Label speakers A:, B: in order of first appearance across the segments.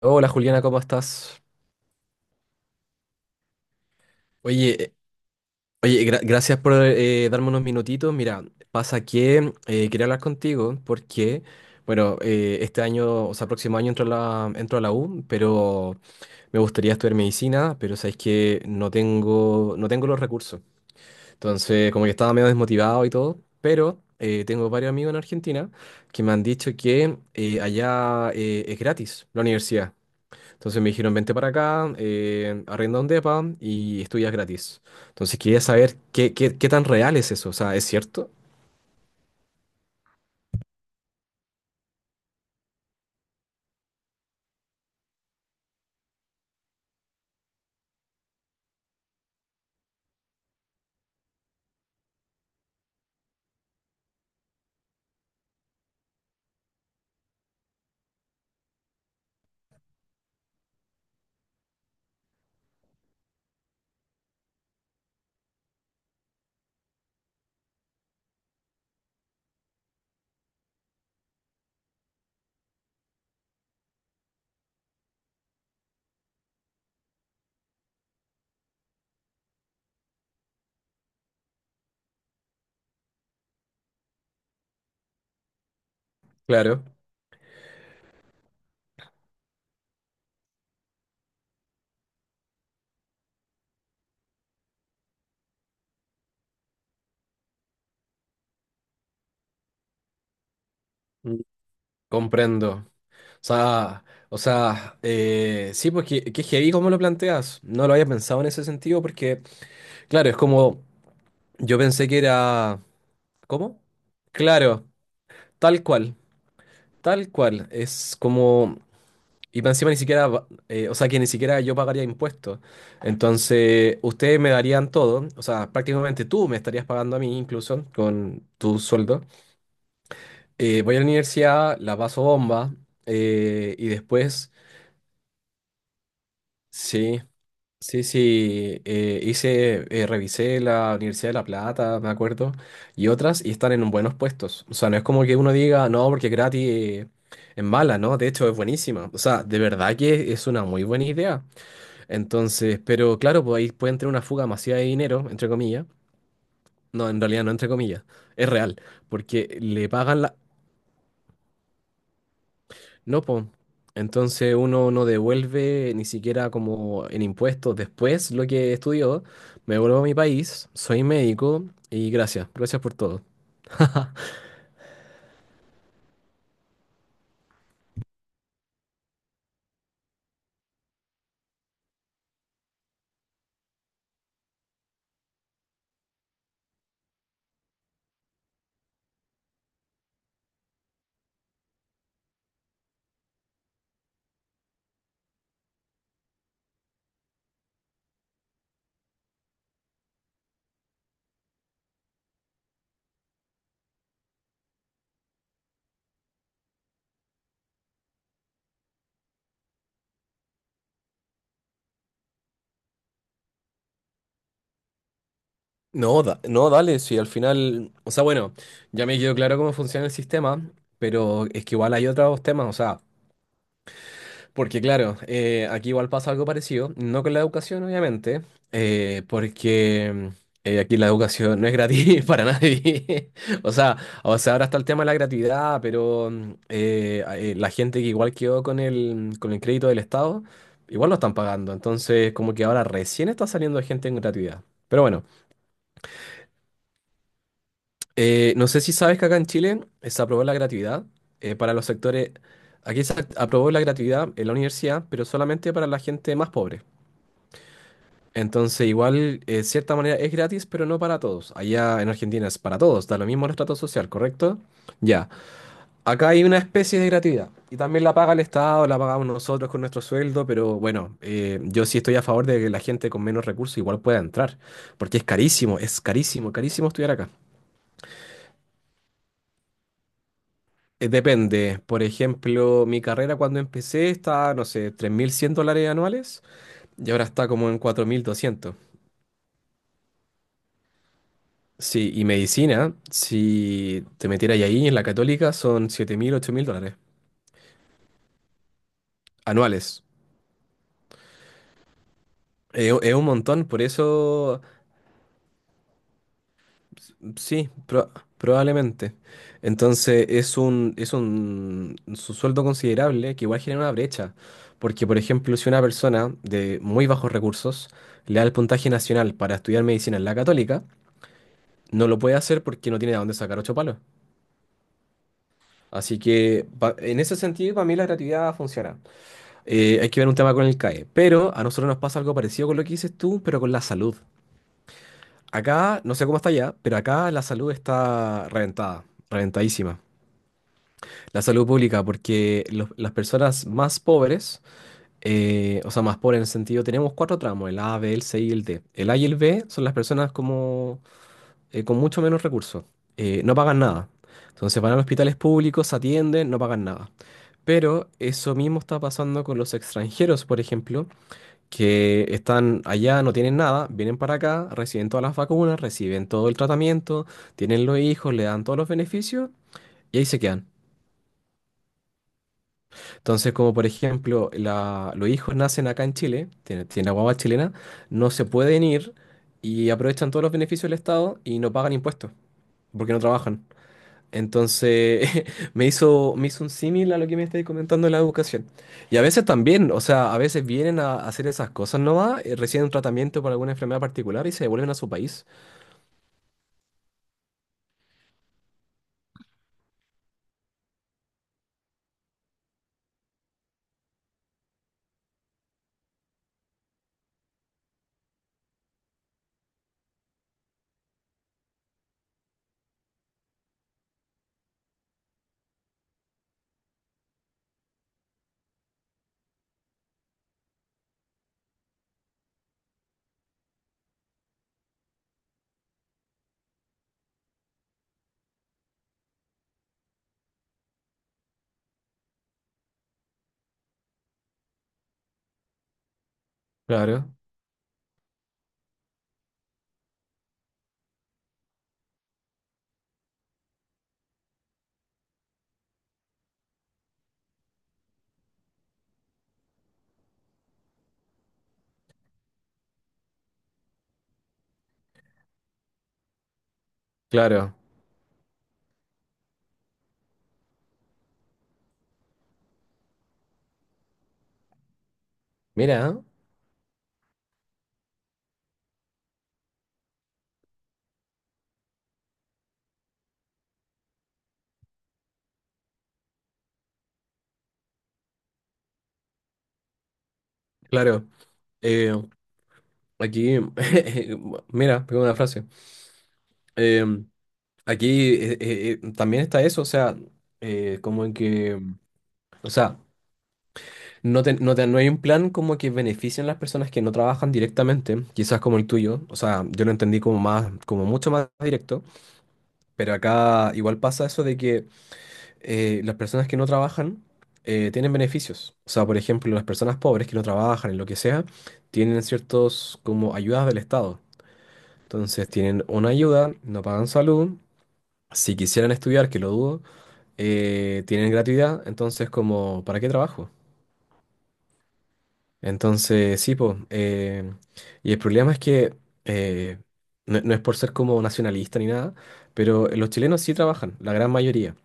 A: Hola Juliana, ¿cómo estás? Oye, oye, gracias por darme unos minutitos. Mira, pasa que quería hablar contigo porque, bueno, este año, o sea, próximo año entro a entro a la U, pero me gustaría estudiar medicina, pero sabes que no tengo los recursos. Entonces, como que estaba medio desmotivado y todo, pero tengo varios amigos en Argentina que me han dicho que allá es gratis la universidad. Entonces me dijeron, vente para acá, arrienda un depa y estudias gratis. Entonces quería saber qué tan real es eso. O sea, ¿es cierto? Claro. Mm. Comprendo. O sea, o sea, sí, pues que heavy cómo lo planteas. No lo había pensado en ese sentido porque, claro, es como, yo pensé que era, ¿cómo? Claro, tal cual, tal cual. Es como, y pa' encima ni siquiera, o sea, que ni siquiera yo pagaría impuestos. Entonces, ustedes me darían todo, o sea, prácticamente tú me estarías pagando a mí incluso con tu sueldo. Voy a la universidad, la paso bomba, y después, sí, sí, sí, hice, revisé la Universidad de La Plata, me acuerdo, y otras, y están en buenos puestos. O sea, no es como que uno diga, no, porque gratis, es mala, ¿no? De hecho, es buenísima. O sea, de verdad que es una muy buena idea. Entonces, pero claro, pues ahí pueden tener una fuga masiva de dinero, entre comillas. No, en realidad no entre comillas, es real, porque le pagan la... No, pues. Entonces uno no devuelve ni siquiera como en impuestos después lo que estudió. Me vuelvo a mi país, soy médico y gracias, gracias por todo. No, no, dale, sí, al final, o sea, bueno, ya me quedó claro cómo funciona el sistema, pero es que igual hay otros temas, o sea, porque claro, aquí igual pasa algo parecido, no con la educación obviamente, porque aquí la educación no es gratis para nadie. O sea, o sea, ahora está el tema de la gratuidad, pero la gente que igual quedó con con el crédito del Estado, igual lo están pagando. Entonces, como que ahora recién está saliendo gente en gratuidad. Pero bueno, no sé si sabes que acá en Chile se aprobó la gratuidad para los sectores... Aquí se aprobó la gratuidad en la universidad, pero solamente para la gente más pobre. Entonces, igual, de cierta manera es gratis, pero no para todos. Allá en Argentina es para todos, da lo mismo el estrato social, ¿correcto? Ya. Acá hay una especie de gratuidad. Y también la paga el Estado, la pagamos nosotros con nuestro sueldo, pero bueno, yo sí estoy a favor de que la gente con menos recursos igual pueda entrar, porque es carísimo, carísimo estudiar acá. Depende, por ejemplo, mi carrera cuando empecé estaba, no sé, $3,100 anuales y ahora está como en 4,200. Sí, y medicina, si te metieras ahí en la Católica, son 7,000, $8,000 anuales. Es un montón, por eso sí, probablemente. Entonces es un, su sueldo considerable que igual genera una brecha. Porque, por ejemplo, si una persona de muy bajos recursos le da el puntaje nacional para estudiar medicina en la Católica, no lo puede hacer porque no tiene de dónde sacar ocho palos. Así que en ese sentido, para mí la gratuidad funciona. Hay que ver un tema con el CAE. Pero a nosotros nos pasa algo parecido con lo que dices tú, pero con la salud. Acá, no sé cómo está allá, pero acá la salud está reventada, reventadísima. La salud pública, porque las personas más pobres, o sea, más pobres en el sentido, tenemos cuatro tramos, el A, B, el C y el D. El A y el B son las personas como, con mucho menos recursos, no pagan nada. Entonces van a hospitales públicos, se atienden, no pagan nada. Pero eso mismo está pasando con los extranjeros, por ejemplo, que están allá, no tienen nada, vienen para acá, reciben todas las vacunas, reciben todo el tratamiento, tienen los hijos, le dan todos los beneficios y ahí se quedan. Entonces, como por ejemplo, los hijos nacen acá en Chile, tienen la guagua chilena, no se pueden ir y aprovechan todos los beneficios del Estado y no pagan impuestos porque no trabajan. Entonces, me hizo un símil a lo que me estáis comentando de la educación. Y a veces también, o sea, a veces vienen a hacer esas cosas nomás, reciben un tratamiento por alguna enfermedad particular y se devuelven a su país. Claro, claro. Mira, ¿eh? Claro. Eh, aquí, mira, tengo una frase. Eh, aquí también está eso, o sea, como en que, o sea, no, no hay un plan como que beneficien a las personas que no trabajan directamente, quizás como el tuyo. O sea, yo lo entendí como más, como mucho más directo, pero acá igual pasa eso de que las personas que no trabajan tienen beneficios. O sea, por ejemplo, las personas pobres que no trabajan en lo que sea, tienen ciertos como ayudas del Estado. Entonces tienen una ayuda, no pagan salud. Si quisieran estudiar, que lo dudo, tienen gratuidad. Entonces, como, ¿para qué trabajo? Entonces, sí, pues. Y el problema es que eh, no, no es por ser como nacionalista ni nada, pero los chilenos sí trabajan, la gran mayoría,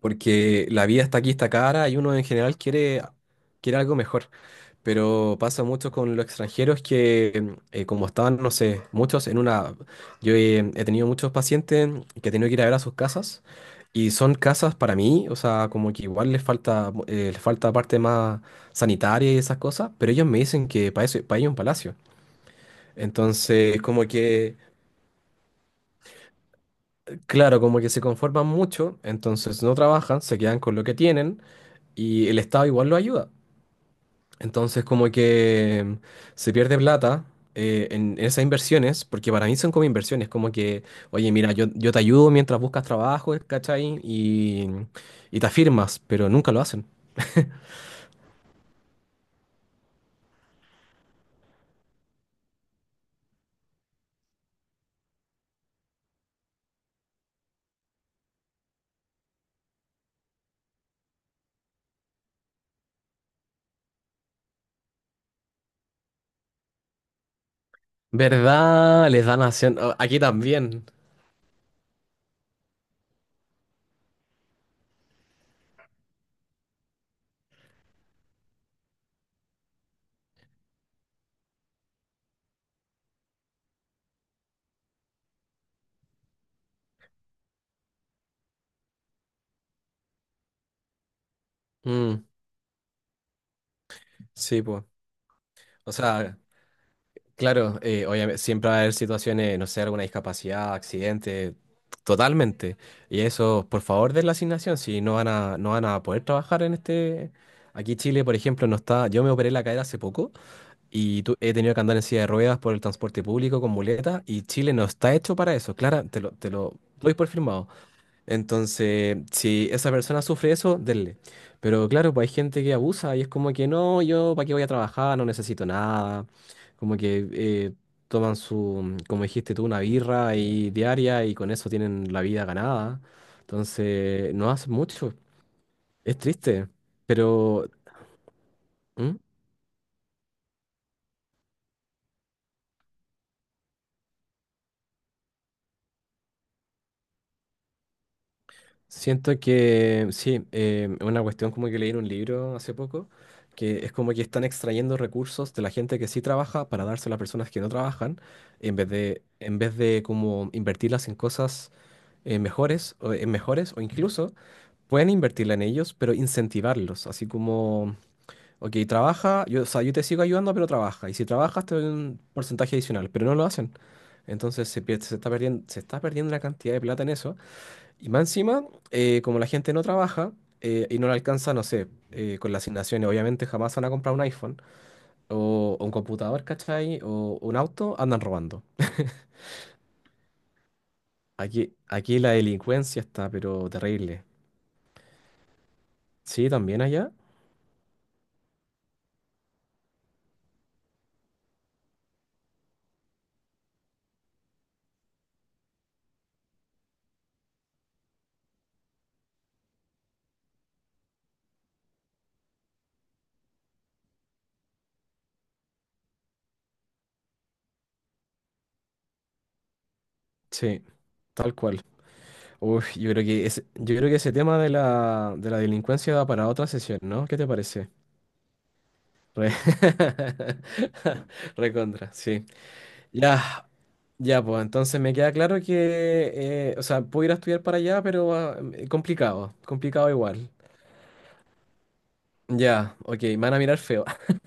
A: porque la vida está aquí, está cara y uno en general quiere, quiere algo mejor. Pero pasa mucho con los extranjeros que, como estaban, no sé, muchos en una... Yo he tenido muchos pacientes que he tenido que ir a ver a sus casas y son casas para mí, o sea, como que igual les falta parte más sanitaria y esas cosas, pero ellos me dicen que para eso, para ellos es un palacio. Entonces, como que, claro, como que se conforman mucho, entonces no trabajan, se quedan con lo que tienen y el Estado igual lo ayuda. Entonces, como que se pierde plata en esas inversiones, porque para mí son como inversiones, como que, oye, mira, yo te ayudo mientras buscas trabajo, ¿cachai? Y te afirmas, pero nunca lo hacen. ¿Verdad? Les dan acción. Aquí también. Mm, sí, pues. O sea, claro, obviamente, siempre va a haber situaciones, no sé, alguna discapacidad, accidente, totalmente. Y eso, por favor, de la asignación, si no van a poder trabajar en este... Aquí Chile, por ejemplo, no está... Yo me operé la cadera hace poco y he tenido que andar en silla de ruedas por el transporte público con muletas y Chile no está hecho para eso. Clara, te lo doy por firmado. Entonces, si esa persona sufre eso, denle. Pero claro, pues hay gente que abusa y es como que no, yo para qué voy a trabajar, no necesito nada. Como que toman su, como dijiste tú, una birra y diaria y con eso tienen la vida ganada. Entonces, no hace mucho. Es triste. Pero, ¿mm? Siento que sí, una cuestión como que leí en un libro hace poco, que es como que están extrayendo recursos de la gente que sí trabaja para darse a las personas que no trabajan, en vez de, como invertirlas en cosas mejores, o, en mejores, o incluso pueden invertirla en ellos, pero incentivarlos, así como, ok, trabaja, yo, o sea, yo te sigo ayudando, pero trabaja, y si trabajas te doy un porcentaje adicional, pero no lo hacen. Entonces se está perdiendo una cantidad de plata en eso y más encima, como la gente no trabaja y no le alcanza, no sé, con las asignaciones, obviamente jamás van a comprar un iPhone o un computador, ¿cachai? O un auto, andan robando. Aquí la delincuencia está, pero terrible. Sí, también allá. Sí, tal cual. Uf, yo creo que ese tema de de la delincuencia da para otra sesión, ¿no? ¿Qué te parece? Re- Recontra, sí. Ya, ya, pues entonces me queda claro que, o sea, puedo ir a estudiar para allá, pero complicado, complicado igual. Ya, ok, me van a mirar feo,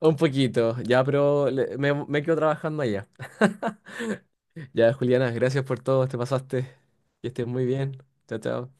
A: un poquito, ya, pero me quedo trabajando allá. Ya, Juliana, gracias por todo, te pasaste, que estés muy bien, chao, chao.